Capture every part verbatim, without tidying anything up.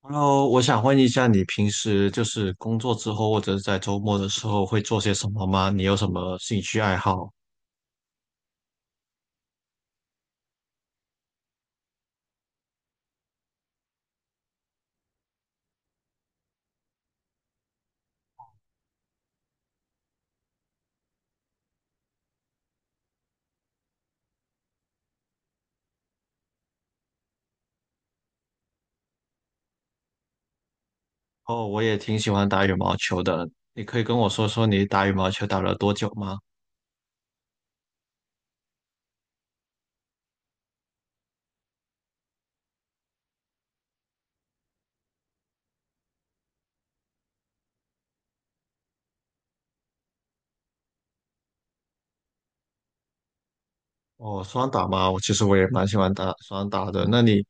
Hello，我想问一下，你平时就是工作之后，或者是在周末的时候会做些什么吗？你有什么兴趣爱好？哦，我也挺喜欢打羽毛球的，你可以跟我说说你打羽毛球打了多久吗？哦，双打吗？我其实我也蛮喜欢打双打的。那你，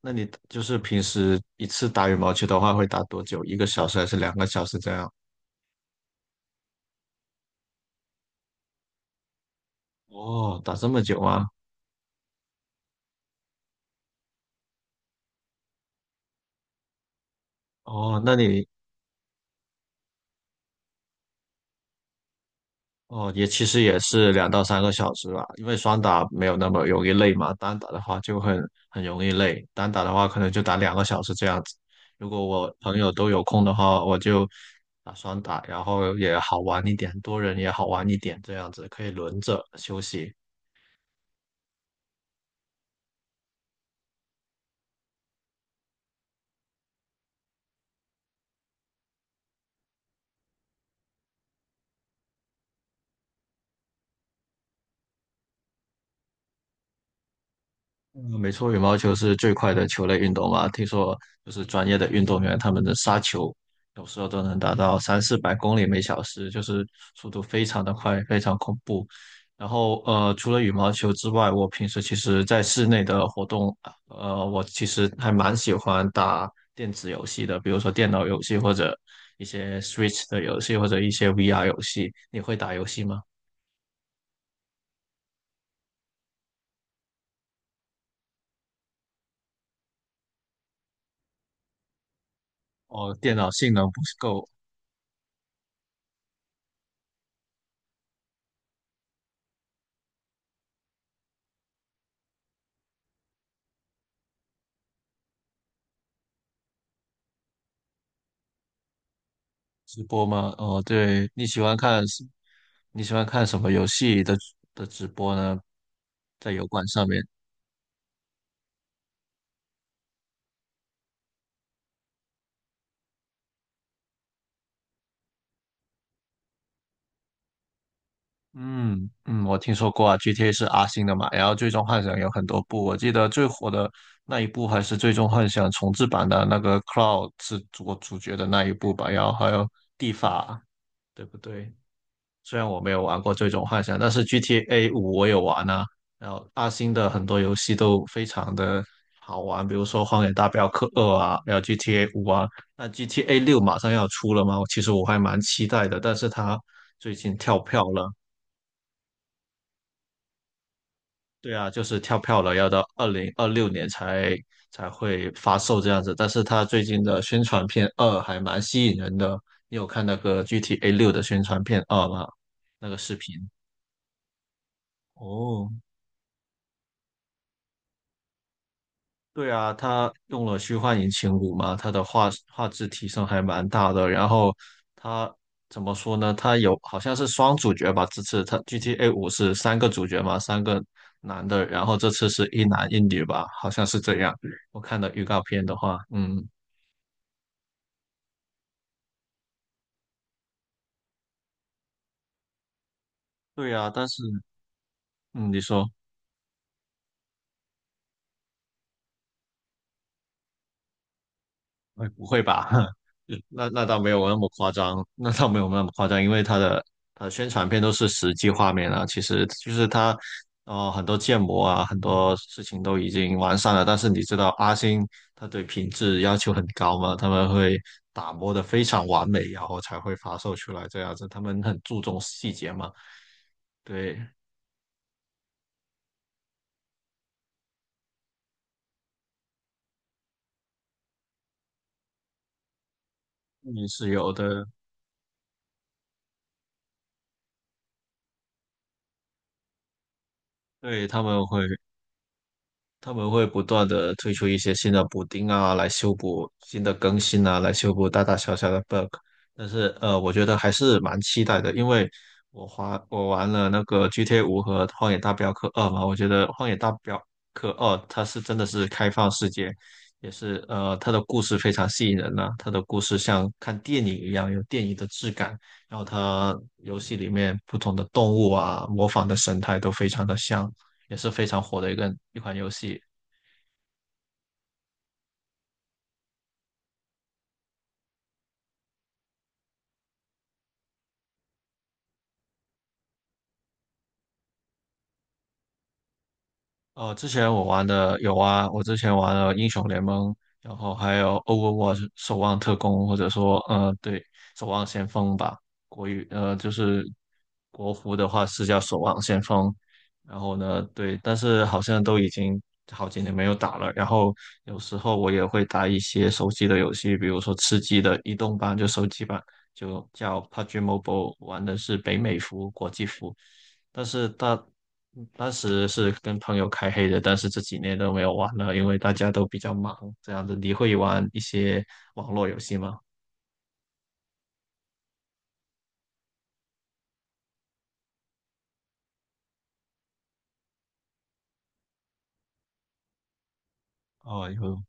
那你就是平时一次打羽毛球的话，会打多久？一个小时还是两个小时这样？哦，打这么久吗？哦，那你哦，也其实也是两到三个小时吧，因为双打没有那么容易累嘛，单打的话就很很容易累，单打的话可能就打两个小时这样子。如果我朋友都有空的话，我就打双打，然后也好玩一点，多人也好玩一点，这样子可以轮着休息。嗯，没错，羽毛球是最快的球类运动嘛。听说就是专业的运动员，他们的杀球有时候都能达到三四百公里每小时，就是速度非常的快，非常恐怖。然后呃，除了羽毛球之外，我平时其实在室内的活动，呃，我其实还蛮喜欢打电子游戏的，比如说电脑游戏或者一些 Switch 的游戏或者一些 V R 游戏。你会打游戏吗？哦，电脑性能不够，直播吗？哦，对，你喜欢看什，你喜欢看什么游戏的的直播呢？在油管上面。嗯嗯，我听说过啊，G T A 是阿星的嘛，然后《最终幻想》有很多部，我记得最火的那一部还是《最终幻想》重制版的那个 Cloud 是主主角的那一部吧，然后还有蒂法，对不对？虽然我没有玩过《这种幻想》，但是 G T A 五我有玩啊。然后阿星的很多游戏都非常的好玩，比如说《荒野大镖客二》啊，还有 G T A 五啊。那 G T A 六马上要出了吗？其实我还蛮期待的，但是它最近跳票了。对啊，就是跳票了，要到二零二六年才才会发售这样子。但是它最近的宣传片二还蛮吸引人的，你有看那个 G T A 六的宣传片二吗？那个视频？哦，对啊，它用了虚幻引擎五嘛，它的画画质提升还蛮大的。然后它怎么说呢？它有好像是双主角吧，这次它 G T A 五是三个主角嘛，三个男的，然后这次是一男一女吧，好像是这样。我看的预告片的话，嗯，对啊，但是嗯，你说。哎，不会吧？那那倒没有那么夸张，那倒没有那么夸张，因为它的它的宣传片都是实际画面啊，其实就是它，呃，很多建模啊，很多事情都已经完善了。但是你知道阿星他对品质要求很高嘛，他们会打磨的非常完美，然后才会发售出来这样子，他们很注重细节嘛。对，也是有的，对，他们会。他们会不断的推出一些新的补丁啊，来修补新的更新啊，来修补大大小小的 bug。但是呃，我觉得还是蛮期待的，因为我花我玩了那个 G T A 五和《荒野大镖客二》嘛，我觉得《荒野大镖客二》它是真的是开放世界，也是呃它的故事非常吸引人呐、它的故事像看电影一样，有电影的质感。然后它游戏里面不同的动物啊，模仿的神态都非常的像，也是非常火的一个一款游戏。呃，之前我玩的有啊，我之前玩了英雄联盟，然后还有 Overwatch 守望特工，或者说呃，对，守望先锋吧，国语呃就是国服的话是叫守望先锋，然后呢，对，但是好像都已经好几年没有打了。然后有时候我也会打一些手机的游戏，比如说吃鸡的移动版，就手机版，就叫 P U B G Mobile，玩的是北美服、国际服。但是大当时是跟朋友开黑的，但是这几年都没有玩了，因为大家都比较忙。这样子，你会玩一些网络游戏吗？哦，有，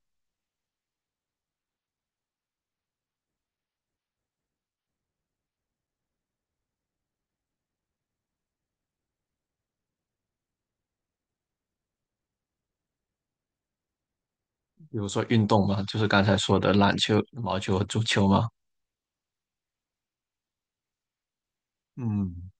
比如说运动嘛，就是刚才说的篮球、羽毛球和足球嘛。嗯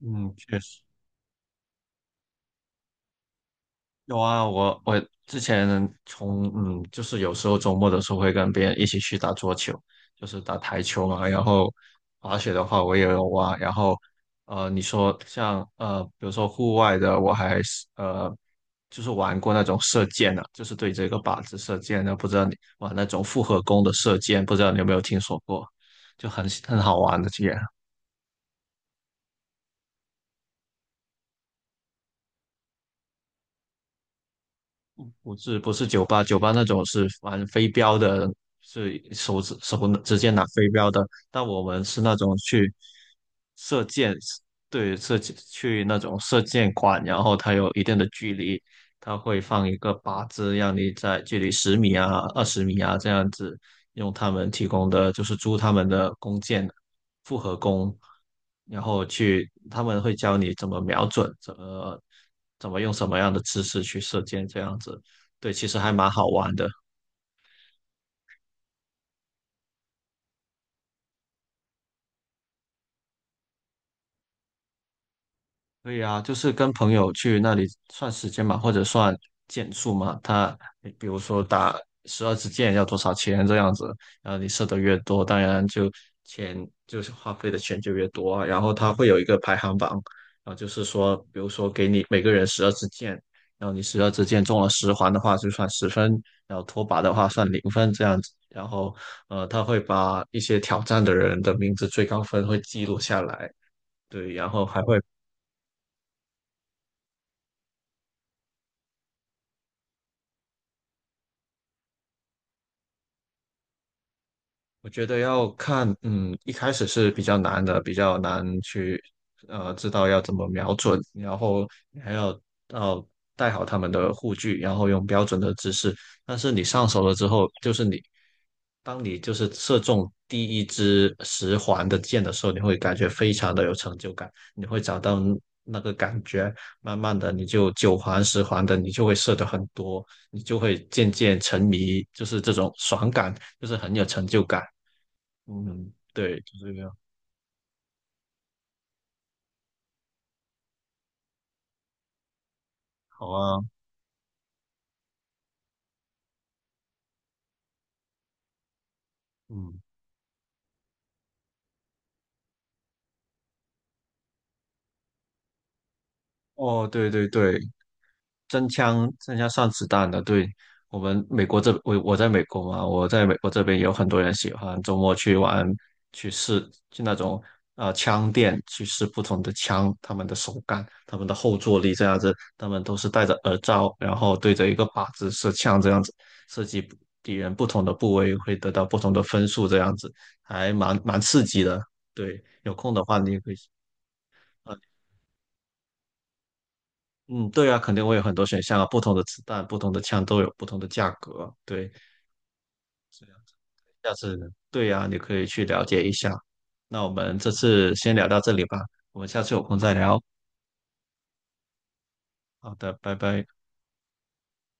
嗯，确实。有啊，我我之前从嗯，就是有时候周末的时候会跟别人一起去打桌球，就是打台球嘛。然后滑雪的话我也有玩。然后呃，你说像呃，比如说户外的，我还是呃，就是玩过那种射箭的，就是对这个靶子射箭的。不知道你玩那种复合弓的射箭，不知道你有没有听说过？就很很好玩的，这个。不是不是酒吧，酒吧那种是玩飞镖的，是手指手直接拿飞镖的。但我们是那种去射箭，对，射箭去那种射箭馆，然后它有一定的距离，它会放一个靶子，让你在距离十米啊、二十米啊这样子，用他们提供的就是租他们的弓箭，复合弓，然后去他们会教你怎么瞄准，怎么怎么用什么样的姿势去射箭这样子。对，其实还蛮好玩的。对呀，就是跟朋友去那里算时间嘛，或者算件数嘛。他比如说打十二支箭要多少钱这样子，然后你射的越多，当然就钱就是花费的钱就越多啊然后他会有一个排行榜，然后就是说，比如说给你每个人十二支箭，然后你十二支箭中了十环的话就算十分，然后脱靶的话算零分这样子。然后呃，他会把一些挑战的人的名字最高分会记录下来。对，然后还会我觉得要看，嗯，一开始是比较难的，比较难去，呃，知道要怎么瞄准，然后你还要要带好他们的护具，然后用标准的姿势。但是你上手了之后，就是你，当你就是射中第一支十环的箭的时候，你会感觉非常的有成就感，你会找到那个感觉。慢慢的，你就九环、十环的，你就会射得很多，你就会渐渐沉迷，就是这种爽感，就是很有成就感。嗯，对，就这个，好啊，嗯，哦，对对对，真枪真枪上子弹的，对，我们美国这，我我在美国嘛，我在美国这边有很多人喜欢周末去玩，去试，去那种啊、呃枪店去试不同的枪，他们的手感，他们的后坐力这样子，他们都是戴着耳罩，然后对着一个靶子射枪这样子，射击敌人不同的部位会得到不同的分数这样子，还蛮蛮刺激的，对，有空的话你也可以。呃嗯，对啊，肯定会有很多选项啊，不同的子弹、不同的枪都有不同的价格。对，所以下次对呀，你可以去了解一下。那我们这次先聊到这里吧，我们下次有空再聊。好的，拜拜。